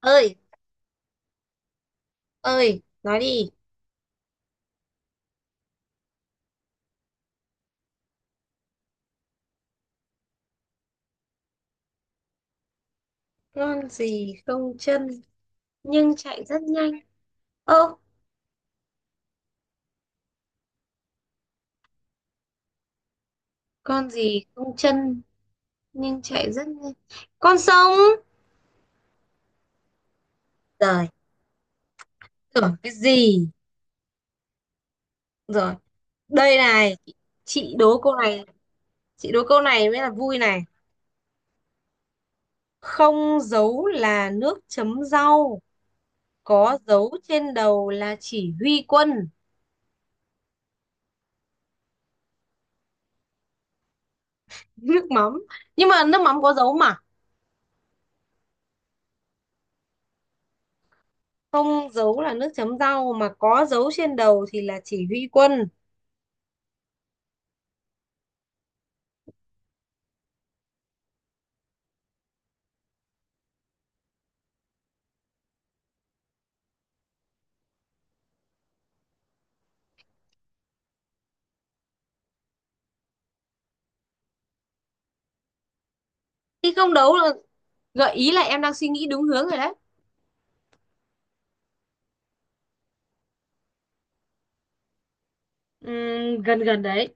Ơi, ơi, nói đi. Con gì không chân nhưng chạy rất nhanh? Ơ, con gì không chân nhưng chạy rất nhanh? Con sông. Rồi, tưởng cái gì. Rồi, đây này, chị đố câu này. Chị đố câu này mới là vui này. Không dấu là nước chấm rau, có dấu trên đầu là chỉ huy quân. Nước mắm. Nhưng mà nước mắm có dấu mà. Không dấu là nước chấm rau, mà có dấu trên đầu thì là chỉ huy quân. Khi không đấu là, gợi ý là em đang suy nghĩ đúng hướng rồi đấy. Gần gần đấy.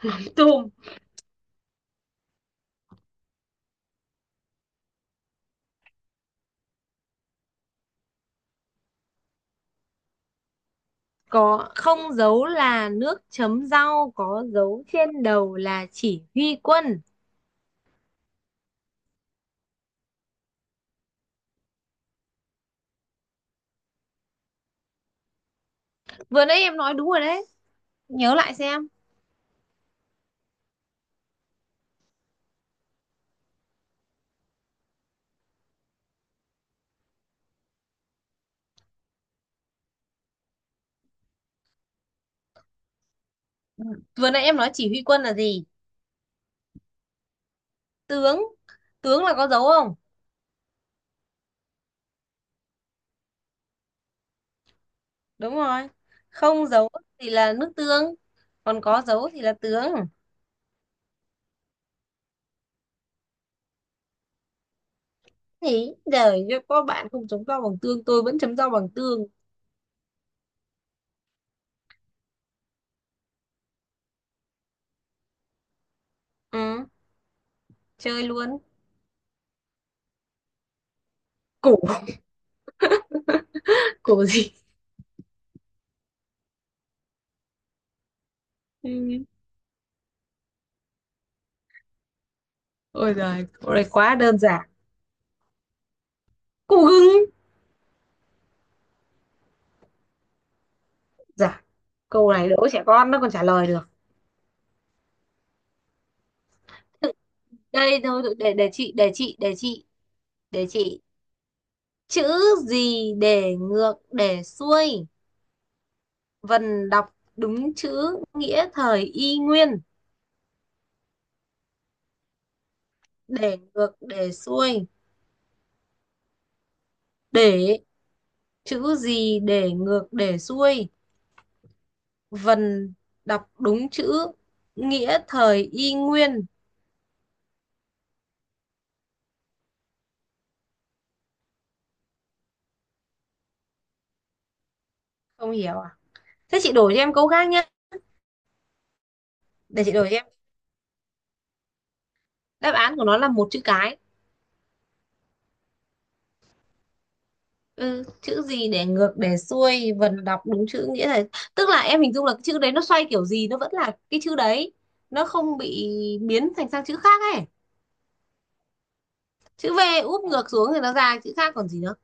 Tùm. Có không dấu là nước chấm rau, có dấu trên đầu là chỉ huy quân. Vừa nãy em nói đúng rồi đấy. Nhớ lại xem. Ừ. Vừa nãy em nói chỉ huy quân là gì? Tướng. Tướng là có dấu không? Đúng rồi. Không dấu thì là nước tương. Còn có dấu thì là tướng. Thì đời cho có bạn không chấm rau bằng tương, tôi vẫn chấm rau bằng tương. Ừ, chơi luôn. Cổ, cổ gì? Ừ. Ôi giời, câu này quá đơn giản. Cụ hứng. Dạ, câu này đố trẻ con nó còn trả lời được. đây thôi thôi, để chị để chị để chị để chị chữ gì để ngược để xuôi, vần đọc đúng chữ, nghĩa thời y nguyên. Để ngược để xuôi, để chữ gì để ngược để xuôi, vần đọc đúng chữ, nghĩa thời y nguyên. Không hiểu à? Thế chị đổi cho em câu khác nhé. Để chị đổi cho em. Đáp án của nó là một chữ cái. Ừ, chữ gì để ngược để xuôi vần đọc đúng chữ nghĩa là, tức là em hình dung là cái chữ đấy nó xoay kiểu gì nó vẫn là cái chữ đấy, nó không bị biến thành sang chữ khác ấy. Chữ V úp ngược xuống thì nó ra chữ khác còn gì nữa.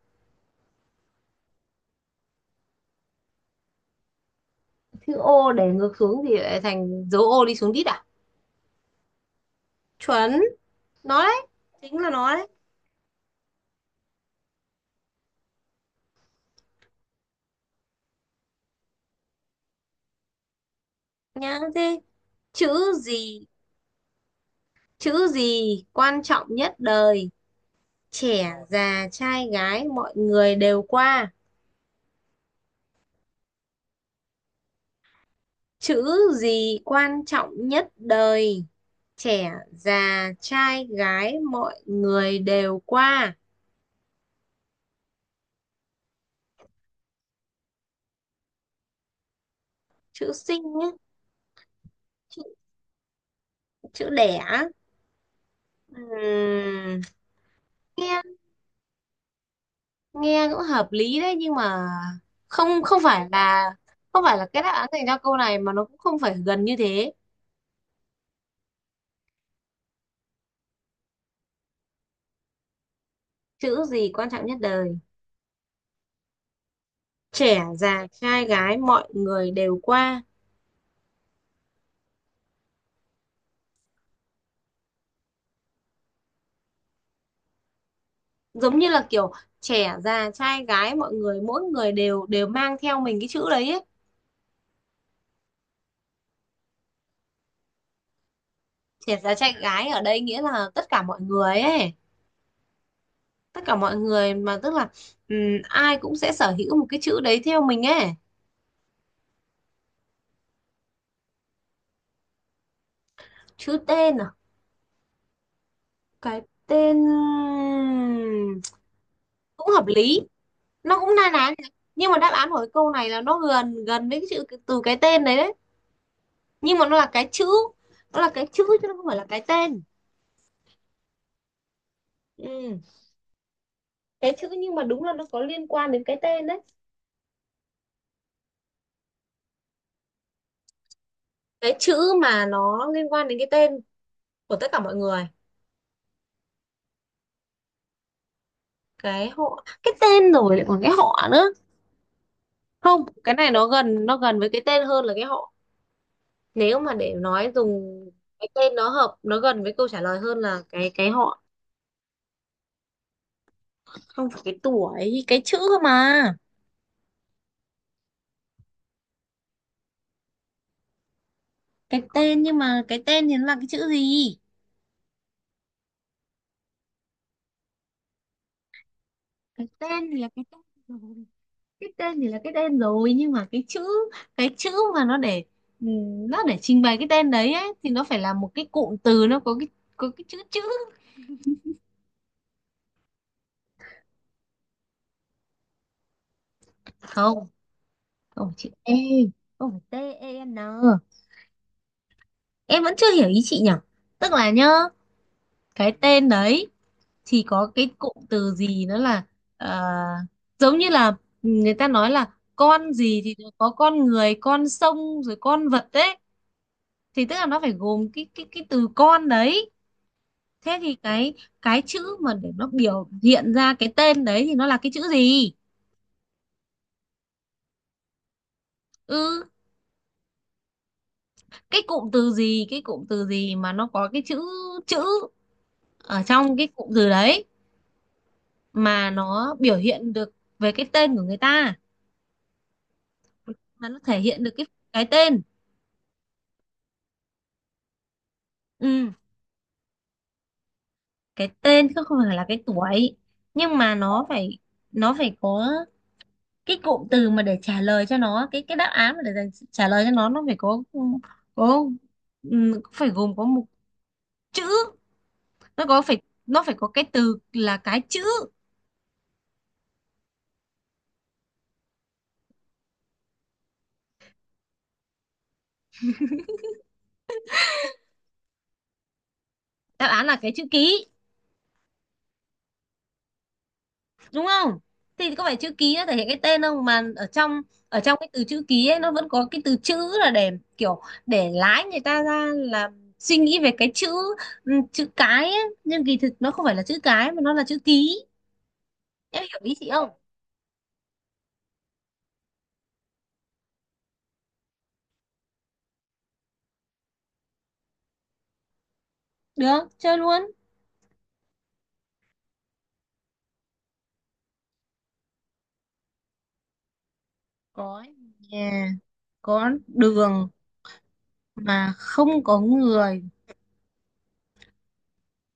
Chữ O để ngược xuống thì lại thành dấu O đi xuống đít à. Chuẩn, nó đấy, chính là nó đấy. Nhá thế, chữ gì, chữ gì quan trọng nhất đời, trẻ già trai gái mọi người đều qua. Chữ gì quan trọng nhất đời, trẻ già trai gái mọi người đều qua? Chữ sinh ấy, chữ, chữ đẻ. Ừm, nghe, nghe cũng hợp lý đấy nhưng mà không, không phải là, không phải là cái đáp án dành cho câu này mà nó cũng không phải gần như thế. Chữ gì quan trọng nhất đời, trẻ già trai gái mọi người đều qua. Giống như là kiểu trẻ già trai gái mọi người, mỗi người đều đều mang theo mình cái chữ đấy ấy. Trẻ già trai gái ở đây nghĩa là tất cả mọi người ấy. Tất cả mọi người mà tức là, ừm, ai cũng sẽ sở hữu một cái chữ đấy theo mình ấy. Chữ tên à, cái tên cũng hợp lý, nó cũng na ná, nhưng mà đáp án của cái câu này là nó gần gần với cái chữ cái- từ cái tên đấy đấy, nhưng mà nó là cái chữ, nó là cái chữ chứ nó không phải là cái tên. Ừ. Cái chữ nhưng mà đúng là nó có liên quan đến cái tên đấy. Cái chữ mà nó liên quan đến cái tên của tất cả mọi người. Cái họ, cái tên rồi lại còn cái họ nữa, không cái này nó gần, nó gần với cái tên hơn là cái họ. Nếu mà để nói dùng cái tên nó hợp, nó gần với câu trả lời hơn là cái họ. Không phải cái tuổi, cái chữ cơ mà. Cái tên nhưng mà cái tên thì nó là cái chữ gì? Cái tên thì là cái tên rồi. Cái tên thì là cái tên rồi nhưng mà cái chữ, cái chữ mà nó để, nó để trình bày cái tên đấy ấy, thì nó phải là một cái cụm từ nó có cái, có cái chữ chữ. Không, không phải chữ e, không phải t e n. Em vẫn chưa hiểu ý chị nhỉ. Tức là nhá, cái tên đấy thì có cái cụm từ gì nữa là, ờ, giống như là người ta nói là con gì thì nó có con người, con sông rồi con vật đấy, thì tức là nó phải gồm cái cái từ con đấy. Thế thì cái chữ mà để nó biểu hiện ra cái tên đấy thì nó là cái chữ gì. Ừ, cái cụm từ gì, cái cụm từ gì mà nó có cái chữ, chữ ở trong cái cụm từ đấy, mà nó biểu hiện được về cái tên của người ta, mà nó thể hiện được cái tên. Ừ, cái tên chứ không phải là cái tuổi. Nhưng mà nó phải, nó phải có cái cụm từ mà để trả lời cho nó cái đáp án mà để dành- trả lời cho nó phải có, ừ, phải gồm có một chữ. Nó có phải nó phải có cái từ là cái chữ. Đáp án là cái chữ ký, đúng không? Thì có phải chữ ký nó thể hiện cái tên không, mà ở trong, ở trong cái từ chữ ký ấy nó vẫn có cái từ chữ là để kiểu để lái người ta ra là suy nghĩ về cái chữ, ừ, chữ cái ấy. Nhưng kỳ thực nó không phải là chữ cái mà nó là chữ ký. Em hiểu ý chị không? Được, chơi luôn. Có nhà, có đường mà không có người.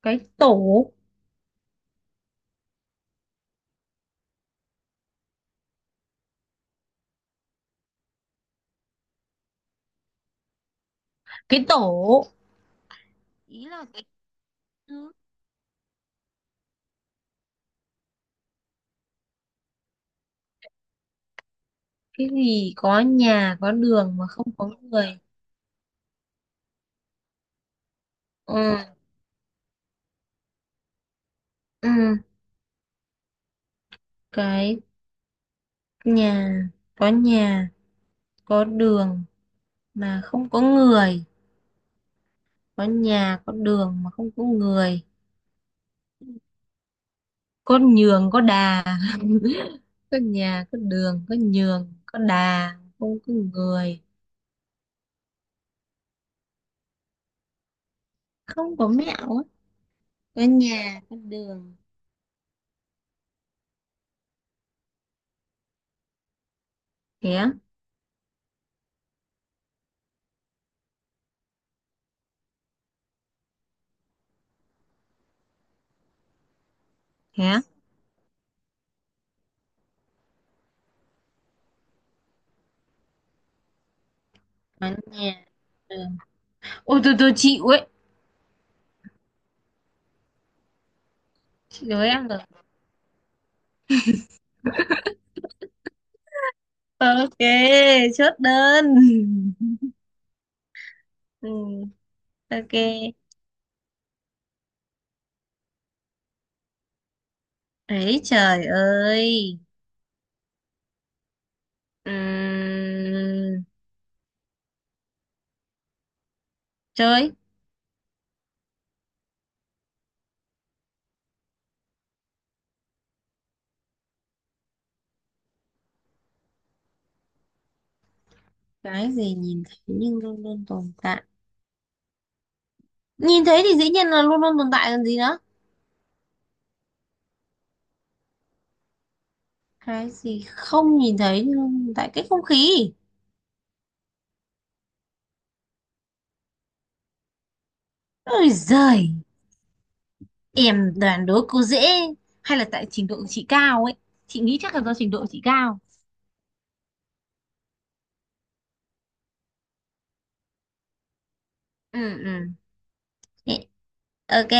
Cái tổ. Cái tổ ý là cái. Cái gì có nhà có đường mà không có người. Ừ. Ừ, cái nhà, có nhà, có đường mà không có người. Có nhà có đường mà không có người, có nhường có đà. Có nhà có đường có nhường có đà không có người. Không có mẹo á? Có nhà có đường. Thế á, thế á. Có nhà, đường. Ôi, tôi chịu ấy. Chị đố em rồi. Ok, chốt đơn. Ừ, ok. Ấy trời ơi. Ừm, chơi. Cái gì nhìn thấy nhưng luôn luôn tồn tại? Nhìn thấy thì dĩ nhiên là luôn luôn tồn tại còn gì nữa. Cái gì không nhìn thấy nhưng luôn tồn tại? Cái không khí. Ôi giời, em đoán đố cô dễ, hay là tại trình độ của chị cao ấy. Chị nghĩ chắc là do trình độ của chị cao. Ừ, ừ. Ê, ok.